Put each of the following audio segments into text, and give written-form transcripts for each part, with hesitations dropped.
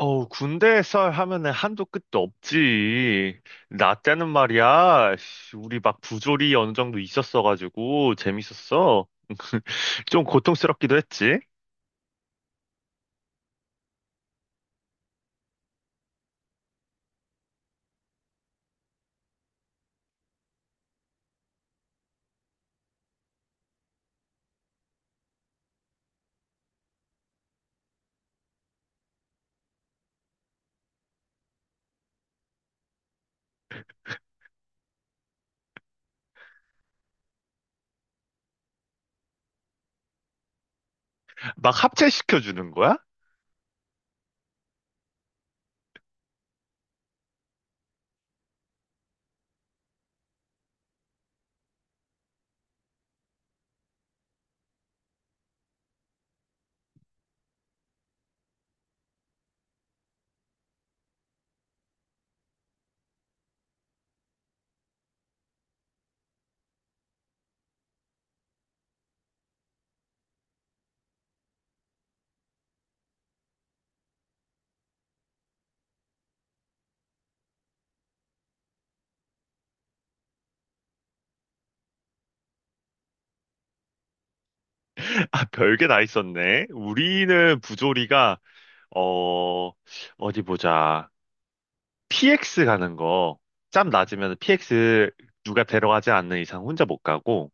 어우, 군대 썰 하면은 한도 끝도 없지. 나 때는 말이야, 씨, 우리 막 부조리 어느 정도 있었어가지고 재밌었어. 좀 고통스럽기도 했지. 막 합체시켜주는 거야? 아, 별게 다 있었네. 우리는 부조리가, 어, 어디 보자. PX 가는 거. 짬 낮으면 PX 누가 데려가지 않는 이상 혼자 못 가고,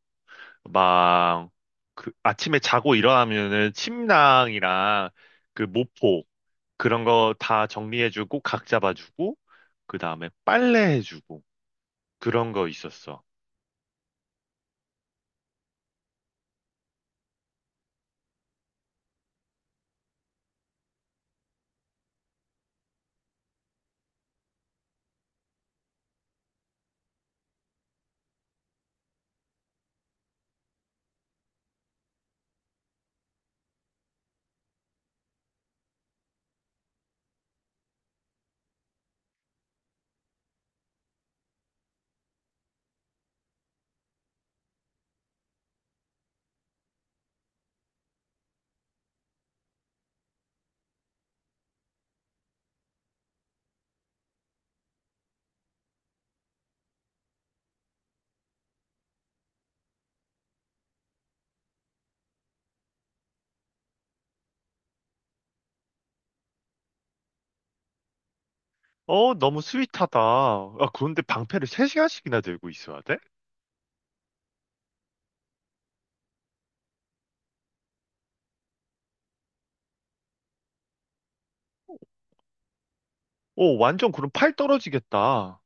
막, 그, 아침에 자고 일어나면은 침낭이랑 그 모포, 그런 거 다 정리해주고 각 잡아주고 그 다음에 빨래해주고 그런 거 있었어. 어, 너무 스윗하다. 아, 그런데 방패를 3시간씩이나 들고 있어야 돼? 어, 완전 그럼 팔 떨어지겠다.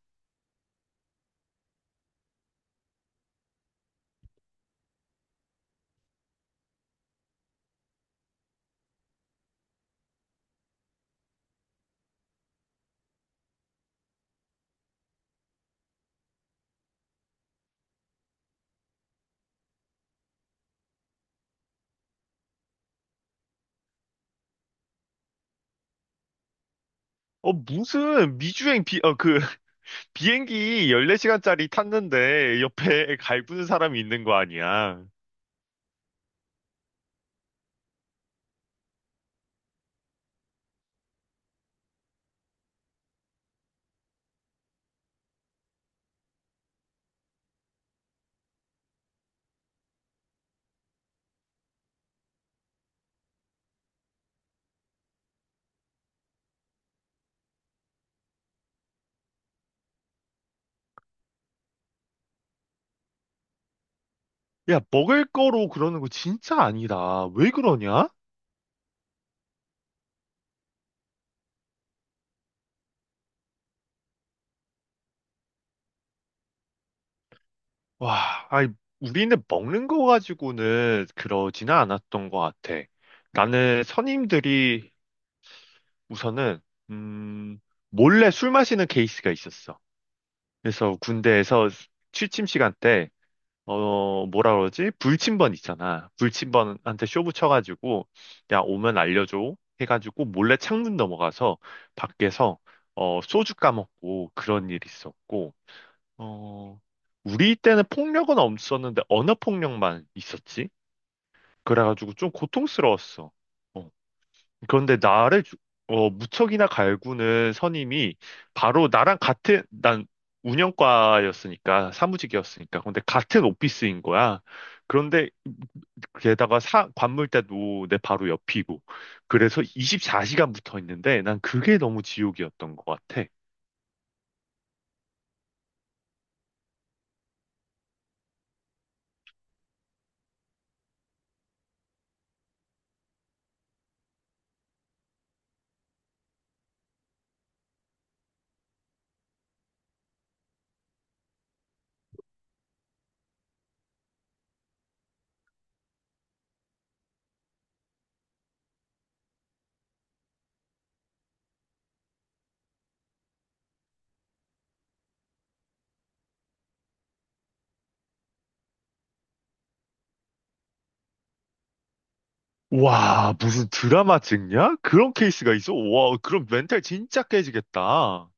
어, 무슨 미주행 그 비행기 14시간짜리 탔는데 옆에 갈구는 사람이 있는 거 아니야. 야, 먹을 거로 그러는 거 진짜 아니다. 왜 그러냐? 와, 아니, 우리는 먹는 거 가지고는 그러지는 않았던 것 같아. 나는 선임들이 우선은, 음, 몰래 술 마시는 케이스가 있었어. 그래서 군대에서 취침 시간 때, 뭐라 그러지? 불침번 있잖아. 불침번한테 쇼부 쳐가지고, 야, 오면 알려줘. 해가지고 몰래 창문 넘어가서 밖에서, 소주 까먹고 그런 일이 있었고, 어, 우리 때는 폭력은 없었는데 언어 폭력만 있었지. 그래가지고 좀 고통스러웠어. 어. 그런데 나를 무척이나 갈구는 선임이 바로 나랑 같은 난 운영과였으니까 사무직이었으니까 근데 같은 오피스인 거야. 그런데 게다가 관물대도 내 바로 옆이고 그래서 24시간 붙어 있는데 난 그게 너무 지옥이었던 것 같아. 와, 무슨 드라마 찍냐? 그런 케이스가 있어? 와, 그럼 멘탈 진짜 깨지겠다.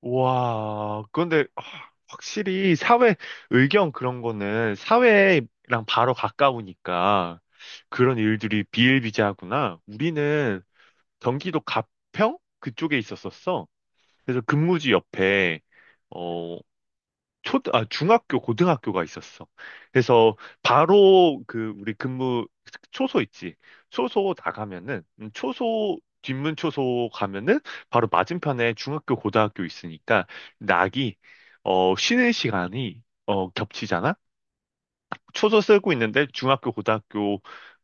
와, 그런데 아, 확실히 사회 의견 그런 거는 사회랑 바로 가까우니까 그런 일들이 비일비재하구나. 우리는 경기도 가평 그쪽에 있었었어. 그래서 근무지 옆에 어, 중학교, 고등학교가 있었어. 그래서 바로 그 우리 근무 초소 있지. 초소 나가면은 초소 뒷문 초소 가면은 바로 맞은편에 중학교, 고등학교 있으니까 낙이 쉬는 시간이 겹치잖아. 초소 쓰고 있는데 중학교, 고등학교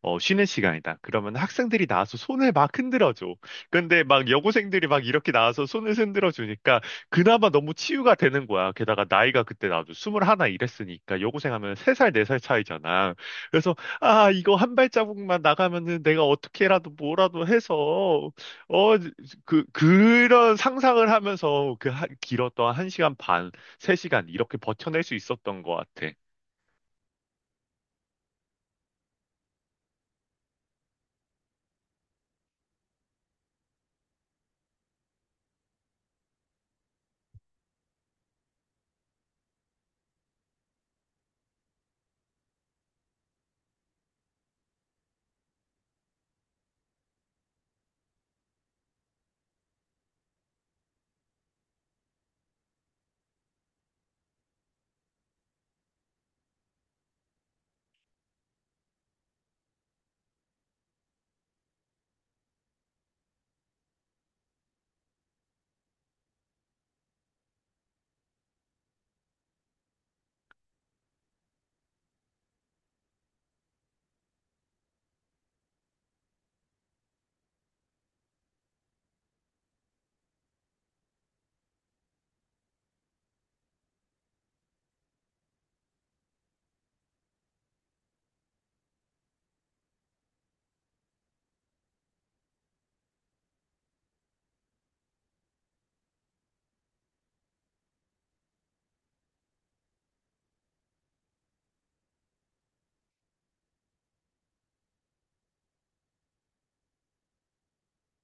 쉬는 시간이다. 그러면 학생들이 나와서 손을 막 흔들어줘. 근데 막 여고생들이 막 이렇게 나와서 손을 흔들어주니까 그나마 너무 치유가 되는 거야. 게다가 나이가 그때 나도 21 이랬으니까 여고생 하면 3살, 4살 차이잖아. 그래서 아, 이거 한 발자국만 나가면은 내가 어떻게라도 뭐라도 해서 어, 그런 상상을 하면서 그 길었던 1시간 반, 3시간 이렇게 버텨낼 수 있었던 것 같아.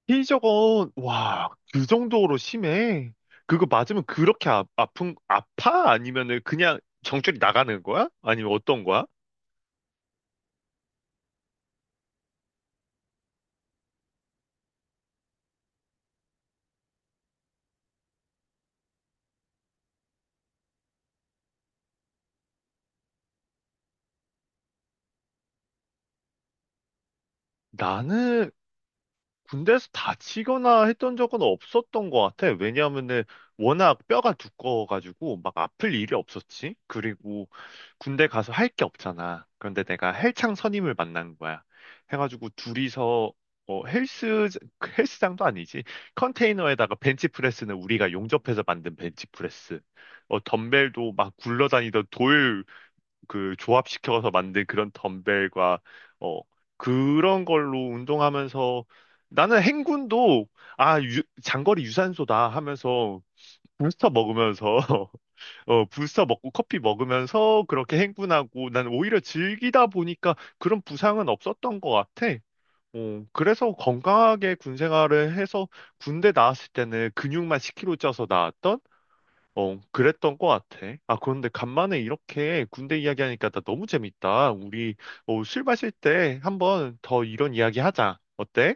피저건 와, 그 정도로 심해? 그거 맞으면 그렇게 아파? 아니면은 그냥 정줄이 나가는 거야? 아니면 어떤 거야? 나는 군대에서 다치거나 했던 적은 없었던 것 같아. 왜냐하면은 워낙 뼈가 두꺼워가지고 막 아플 일이 없었지. 그리고 군대 가서 할 게 없잖아. 그런데 내가 헬창 선임을 만난 거야. 해가지고 둘이서 어, 헬스 헬스장도 아니지. 컨테이너에다가 벤치프레스는 우리가 용접해서 만든 벤치프레스. 어, 덤벨도 막 굴러다니던 돌 그 조합시켜서 만든 그런 덤벨과 어 그런 걸로 운동하면서 나는 행군도 장거리 유산소다 하면서 부스터 먹으면서 부스터 먹고 커피 먹으면서 그렇게 행군하고 난 오히려 즐기다 보니까 그런 부상은 없었던 것 같아. 어, 그래서 건강하게 군 생활을 해서 군대 나왔을 때는 근육만 10kg 쪄서 나왔던 그랬던 것 같아. 아, 그런데 간만에 이렇게 군대 이야기하니까 나 너무 재밌다. 우리 술 마실 때 한번 더 이런 이야기 하자. 어때?